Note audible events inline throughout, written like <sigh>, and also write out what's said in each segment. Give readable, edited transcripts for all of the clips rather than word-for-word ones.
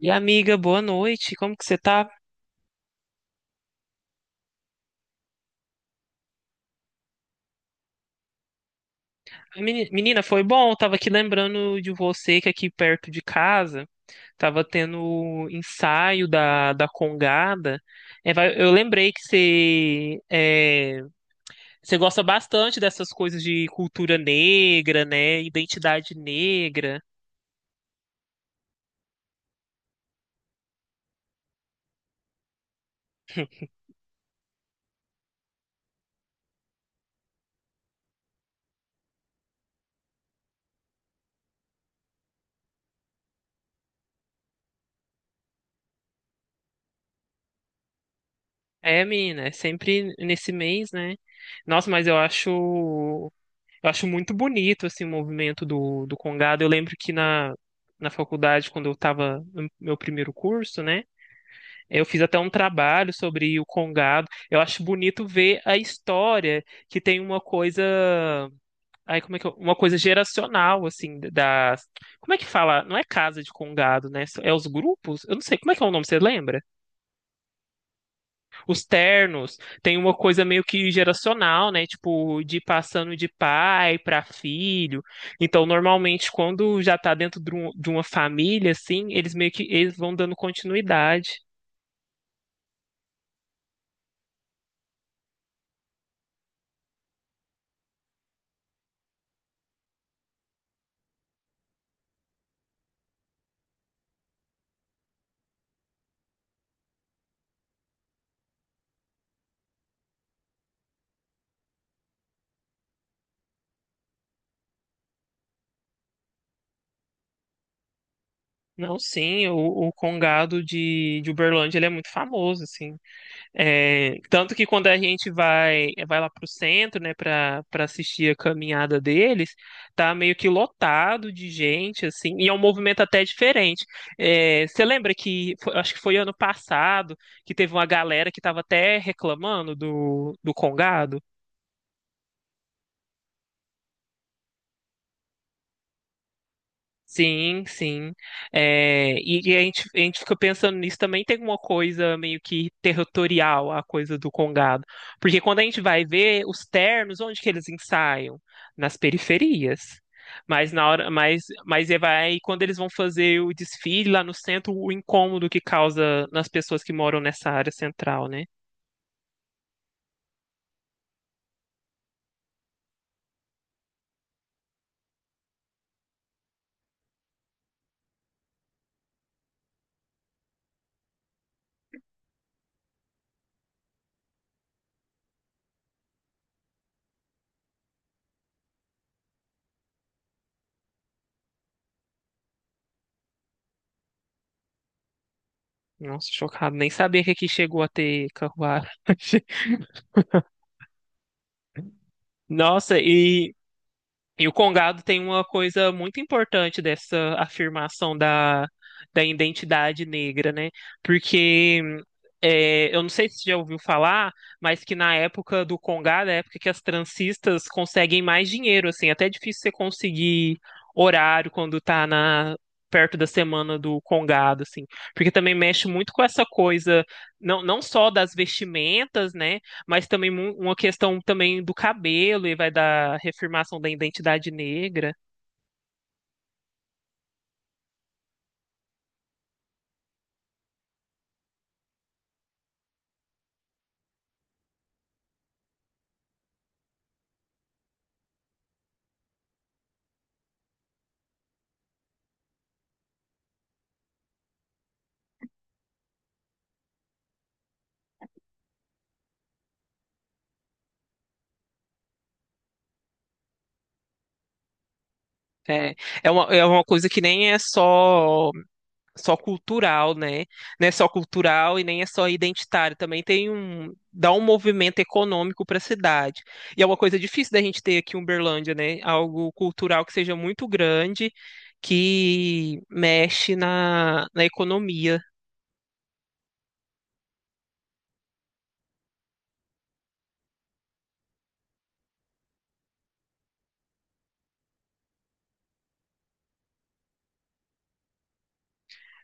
E amiga, boa noite. Como que você tá? Menina, foi bom. Eu tava aqui lembrando de você que aqui perto de casa tava tendo o ensaio da Congada. Eu lembrei que você, você gosta bastante dessas coisas de cultura negra, né? Identidade negra. É, menina, é sempre nesse mês, né? Nossa, mas eu acho muito bonito, assim, o movimento do congado. Eu lembro que na faculdade, quando eu estava no meu primeiro curso, né? Eu fiz até um trabalho sobre o congado. Eu acho bonito ver a história, que tem uma coisa... Ai, como é que eu- uma coisa geracional, assim, da... Como é que fala? Não é casa de congado, né? É os grupos? Eu não sei. Como é que é o nome, você lembra? Os ternos, tem uma coisa meio que geracional, né? Tipo, de ir passando de pai para filho. Então, normalmente, quando já tá dentro de de uma família, assim, eles meio que eles vão dando continuidade. Não, sim, o Congado de Uberlândia, ele é muito famoso, assim. É, tanto que quando a gente vai lá pro centro, né, para assistir a caminhada deles, tá meio que lotado de gente assim, e é um movimento até diferente. É, você lembra que foi- Acho que foi ano passado que teve uma galera que estava até reclamando do Congado? Sim, sim. É, e a gente fica pensando nisso também, tem uma coisa meio que territorial, a coisa do Congado. Porque quando a gente vai ver os ternos, onde que eles ensaiam? Nas periferias. Mas na hora, mas e vai, Quando eles vão fazer o desfile lá no centro, o incômodo que causa nas pessoas que moram nessa área central, né? Nossa, chocado. Nem sabia que aqui chegou a ter carruagem. <laughs> Nossa, e o Congado tem uma coisa muito importante dessa afirmação da identidade negra, né? Porque eu não sei se você já ouviu falar, mas que na época do Congado, é a época que as transistas conseguem mais dinheiro, assim, até é difícil você conseguir horário quando tá na perto da semana do Congado, assim, porque também mexe muito com essa coisa, não só das vestimentas, né? Mas também uma questão também do cabelo e vai da reafirmação da identidade negra. É, é uma coisa que nem é só cultural, né? Não é só cultural e nem é só identitário. Também tem um dá um movimento econômico para a cidade. E é uma coisa difícil da gente ter aqui em Uberlândia, né? Algo cultural que seja muito grande, que mexe na economia.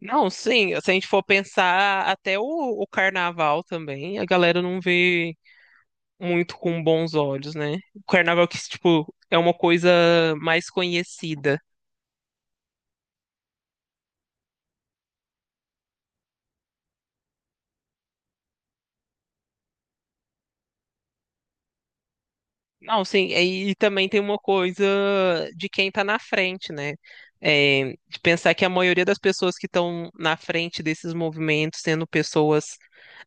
Não, sim, se a gente for pensar até o carnaval também, a galera não vê muito com bons olhos, né? O carnaval que, tipo, é uma coisa mais conhecida. Não, sim, e também tem uma coisa de quem tá na frente, né? É, de pensar que a maioria das pessoas que estão na frente desses movimentos, sendo pessoas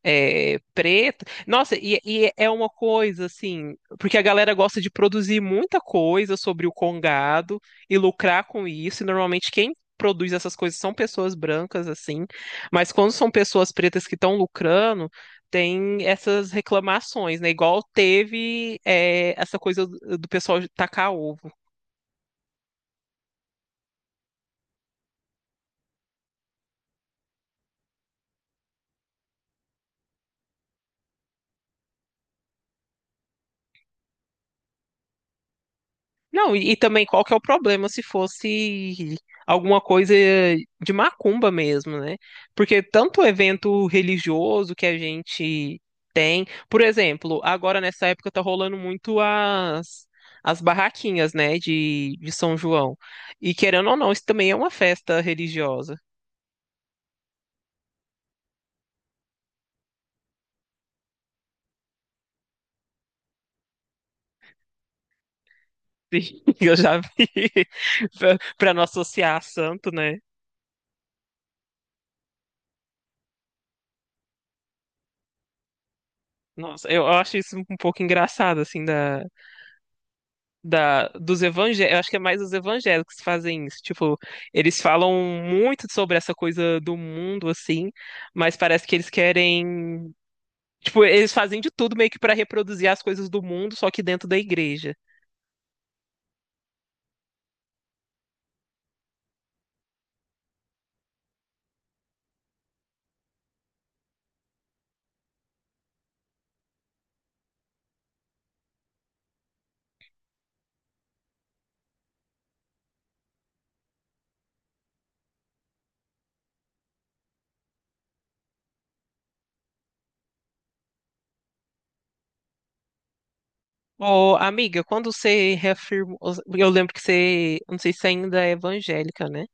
preta. Nossa, e é uma coisa assim, porque a galera gosta de produzir muita coisa sobre o Congado e lucrar com isso, e normalmente quem produz essas coisas são pessoas brancas, assim, mas quando são pessoas pretas que estão lucrando, tem essas reclamações, né? Igual teve essa coisa do pessoal tacar ovo. Não, e também qual que é o problema se fosse alguma coisa de macumba mesmo, né? Porque tanto evento religioso que a gente tem, por exemplo, agora nessa época tá rolando muito as as barraquinhas, né, de São João. E querendo ou não, isso também é uma festa religiosa. <laughs> Sim, eu já vi <laughs> para não associar a santo, né? Nossa, eu acho isso um pouco engraçado assim dos evangélicos, eu acho que é mais os evangélicos que fazem isso. Tipo, eles falam muito sobre essa coisa do mundo, assim, mas parece que eles querem. Tipo, eles fazem de tudo meio que para reproduzir as coisas do mundo, só que dentro da igreja. Ô, amiga, quando você reafirmou. Eu lembro que você. Não sei se ainda é evangélica, né?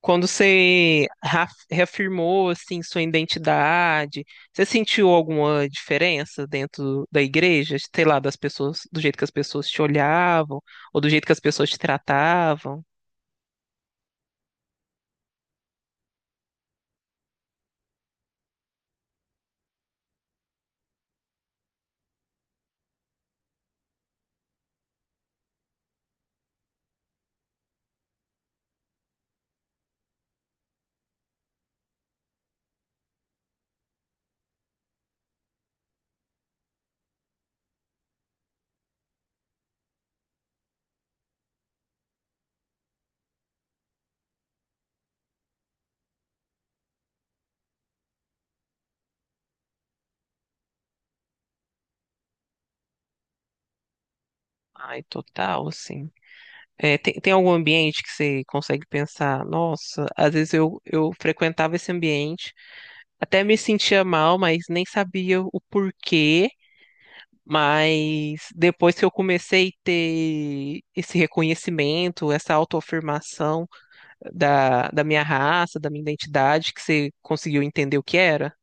Quando você reafirmou assim sua identidade, você sentiu alguma diferença dentro da igreja, sei lá, das pessoas, do jeito que as pessoas te olhavam ou do jeito que as pessoas te tratavam? Ai, total, assim. É, tem algum ambiente que você consegue pensar, nossa, às vezes eu frequentava esse ambiente, até me sentia mal, mas nem sabia o porquê. Mas depois que eu comecei a ter esse reconhecimento, essa autoafirmação da minha raça, da minha identidade, que você conseguiu entender o que era,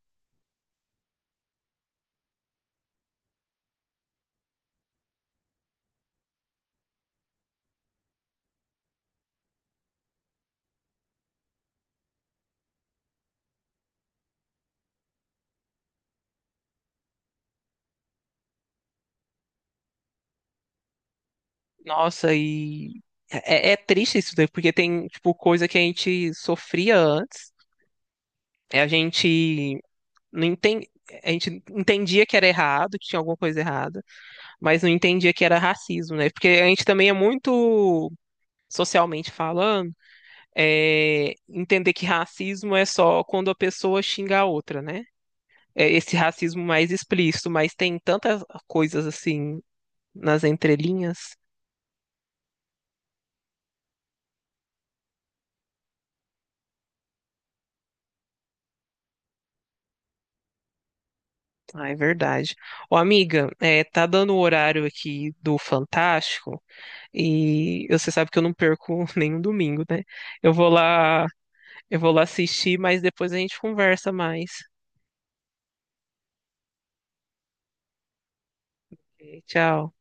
nossa, e é, é triste isso daí, porque tem, tipo, coisa que a gente sofria antes, é a gente não entende. A gente entendia que era errado, que tinha alguma coisa errada, mas não entendia que era racismo, né? Porque a gente também é muito socialmente falando entender que racismo é só quando a pessoa xinga a outra, né? É esse racismo mais explícito, mas tem tantas coisas assim nas entrelinhas. Ah, é verdade. Ô, amiga, é, tá dando o horário aqui do Fantástico e você sabe que eu não perco <laughs> nenhum domingo, né? Eu vou lá, eu vou lá assistir, mas depois a gente conversa mais. É, tchau.